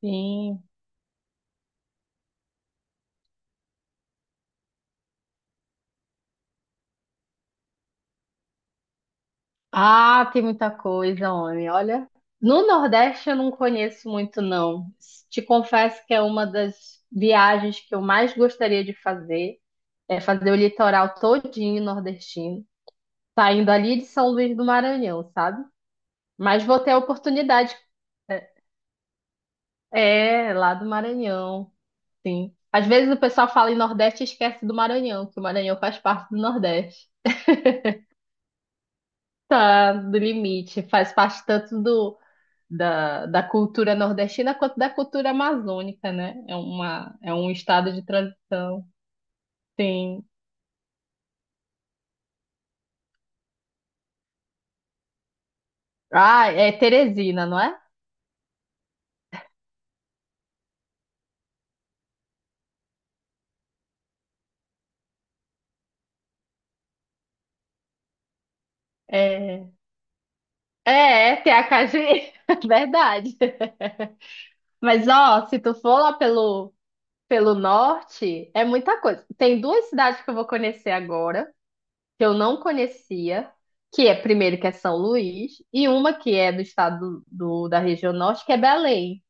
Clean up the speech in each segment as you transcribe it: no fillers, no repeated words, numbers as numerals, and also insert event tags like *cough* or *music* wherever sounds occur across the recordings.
Sim. Ah, tem muita coisa, homem. Olha, no Nordeste eu não conheço muito, não. Te confesso que é uma das viagens que eu mais gostaria de fazer, é fazer o litoral todinho nordestino, saindo ali de São Luís do Maranhão, sabe? Mas vou ter a oportunidade. É, lá do Maranhão, sim. Às vezes o pessoal fala em Nordeste e esquece do Maranhão, que o Maranhão faz parte do Nordeste. Tá do limite, faz parte tanto da cultura nordestina quanto da cultura amazônica, né? É um estado de transição. Tem. Ah, é Teresina, não é? É, é, tem a Cajui, *laughs* verdade. Mas ó, se tu for lá pelo norte, é muita coisa. Tem duas cidades que eu vou conhecer agora, que eu não conhecia, que é primeiro que é São Luís, e uma que é do estado da região norte, que é Belém.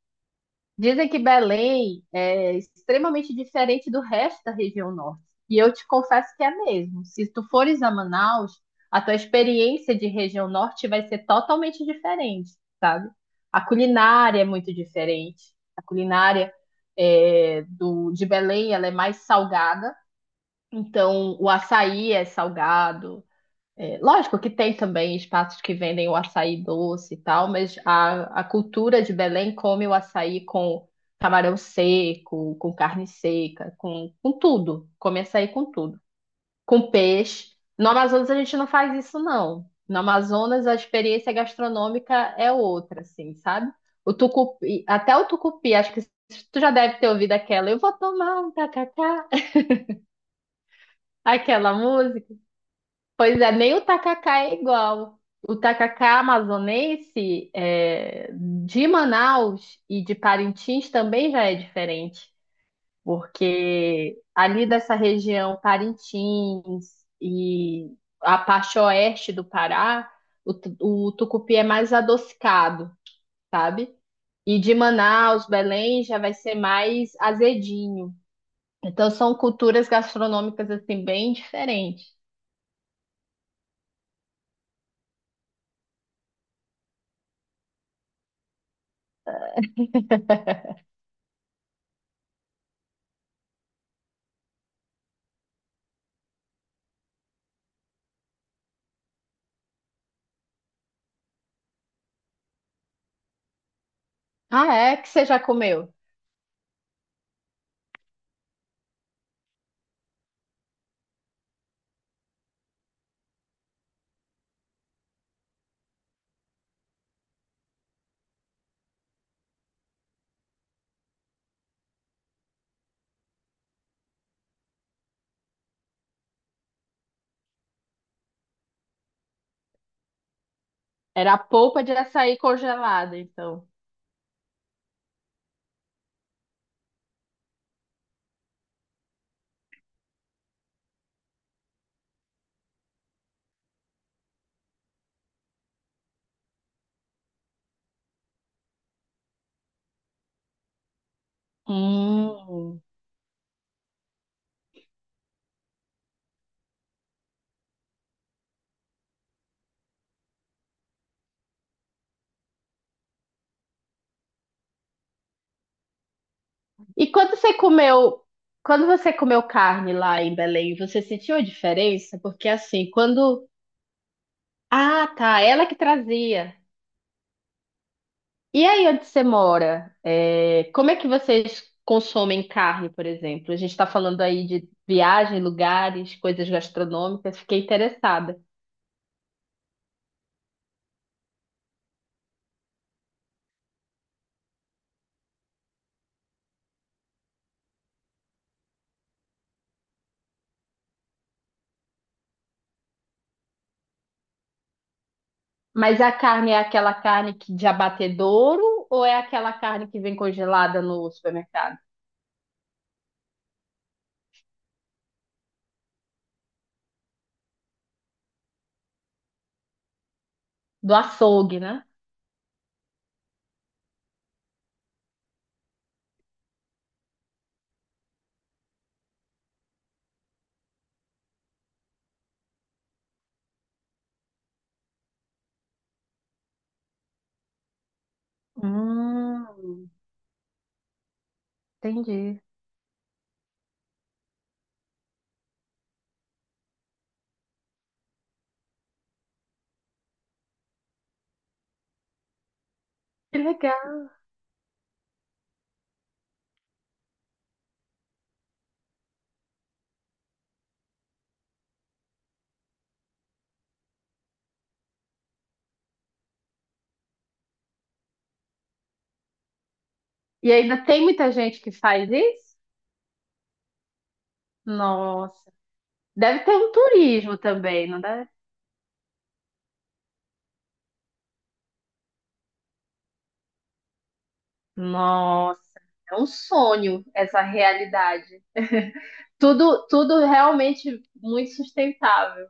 Dizem que Belém é extremamente diferente do resto da região norte. E eu te confesso que é mesmo. Se tu fores a Manaus, a tua experiência de região norte vai ser totalmente diferente, sabe? A culinária é muito diferente. A culinária de Belém, ela é mais salgada. Então, o açaí é salgado, é, lógico que tem também espaços que vendem o açaí doce e tal, mas a cultura de Belém come o açaí com camarão seco, com carne seca, com tudo. Come açaí com tudo. Com peixe. No Amazonas a gente não faz isso, não. No Amazonas a experiência gastronômica é outra, assim, sabe? O tucupi, até o tucupi, acho que tu já deve ter ouvido aquela, eu vou tomar um tacacá, aquela música. Pois é, nem o tacacá é igual. O tacacá amazonense é, de Manaus e de Parintins também já é diferente, porque ali dessa região Parintins e a parte oeste do Pará, o tucupi é mais adocicado, sabe? E de Manaus, Belém já vai ser mais azedinho. Então são culturas gastronômicas assim bem diferentes. Ah, é que você já comeu? Era a polpa de açaí congelada, então. Hum. E quando você comeu carne lá em Belém, você sentiu a diferença? Porque assim, quando. Ah, tá, ela que trazia. E aí onde você mora? É, como é que vocês consomem carne, por exemplo? A gente está falando aí de viagem, lugares, coisas gastronômicas, fiquei interessada. Mas a carne é aquela carne que de abatedouro ou é aquela carne que vem congelada no supermercado? Do açougue, né? Hum, entendi. Que legal. E ainda tem muita gente que faz isso? Nossa. Deve ter um turismo também, não deve? Nossa, é um sonho essa realidade. *laughs* Tudo, tudo realmente muito sustentável.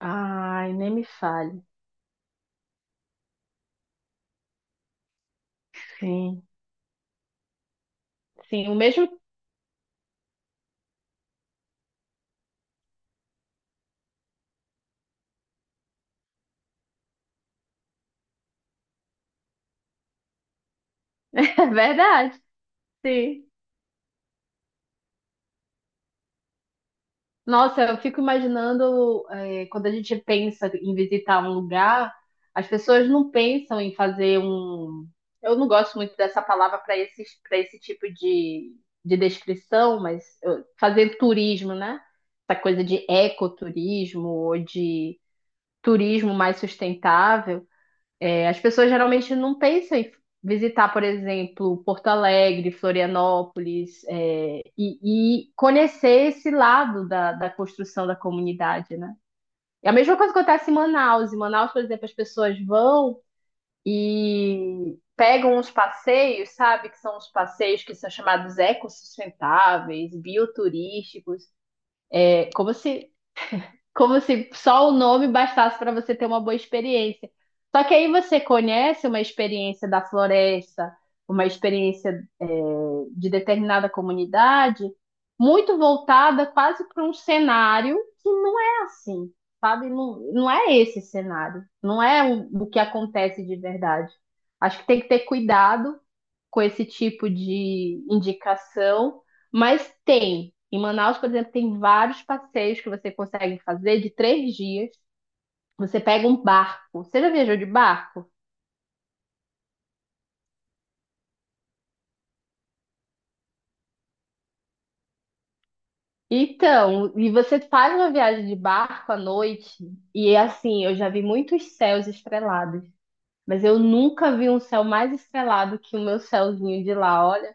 Ai, nem me fale. Sim, sim, o mesmo. *laughs* É verdade, sim. Nossa, eu fico imaginando, é, quando a gente pensa em visitar um lugar, as pessoas não pensam em fazer um. Eu não gosto muito dessa palavra para esse, tipo de descrição, mas fazer turismo, né? Essa coisa de ecoturismo ou de turismo mais sustentável. É, as pessoas geralmente não pensam em visitar, por exemplo, Porto Alegre, Florianópolis, e conhecer esse lado da construção da comunidade, né? É a mesma coisa que acontece em Manaus. Em Manaus, por exemplo, as pessoas vão e pegam uns passeios, sabe? Que são os passeios que são chamados ecossustentáveis, bioturísticos. É como se só o nome bastasse para você ter uma boa experiência. Só que aí você conhece uma experiência da floresta, uma experiência, é, de determinada comunidade, muito voltada quase para um cenário que não é assim, sabe? Não, não é esse cenário, não é o que acontece de verdade. Acho que tem que ter cuidado com esse tipo de indicação, mas tem. Em Manaus, por exemplo, tem vários passeios que você consegue fazer de 3 dias. Você pega um barco. Você já viajou de barco? Então, e você faz uma viagem de barco à noite, e é assim, eu já vi muitos céus estrelados, mas eu nunca vi um céu mais estrelado que o meu céuzinho de lá. Olha,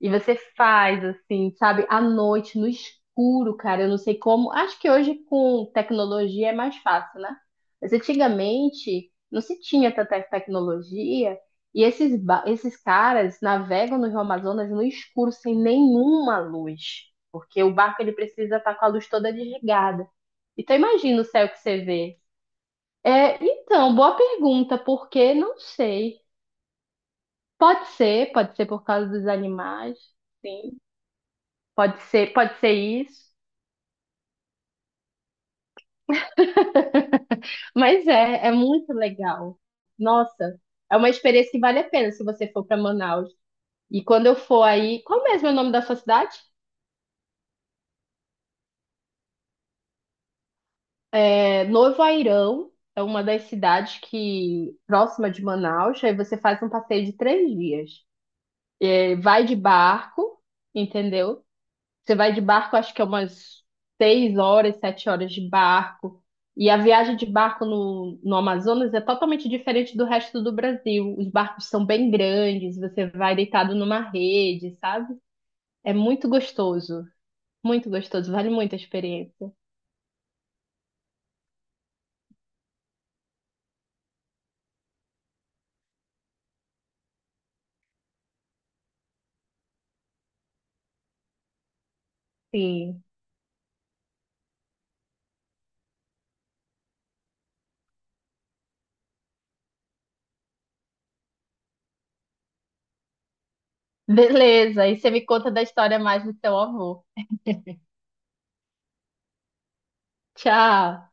e você faz assim, sabe, à noite, no escuro, cara. Eu não sei como. Acho que hoje com tecnologia é mais fácil, né? Mas antigamente não se tinha tanta tecnologia. E esses caras navegam no Rio Amazonas no escuro, sem nenhuma luz. Porque o barco ele precisa estar com a luz toda desligada. Então imagina o céu que você vê. É, então, boa pergunta, porque não sei. Pode ser por causa dos animais. Sim. Pode ser isso. Mas é muito legal. Nossa, é uma experiência que vale a pena se você for para Manaus. E quando eu for aí, qual mesmo é o nome da sua cidade? É Novo Airão, é uma das cidades que próxima de Manaus. Aí você faz um passeio de 3 dias. É, vai de barco, entendeu? Você vai de barco, acho que é umas 6 horas, 7 horas de barco. E a viagem de barco no Amazonas é totalmente diferente do resto do Brasil. Os barcos são bem grandes, você vai deitado numa rede, sabe? É muito gostoso, vale muito a experiência. Sim. Beleza, e você me conta da história mais do seu avô. Tchau.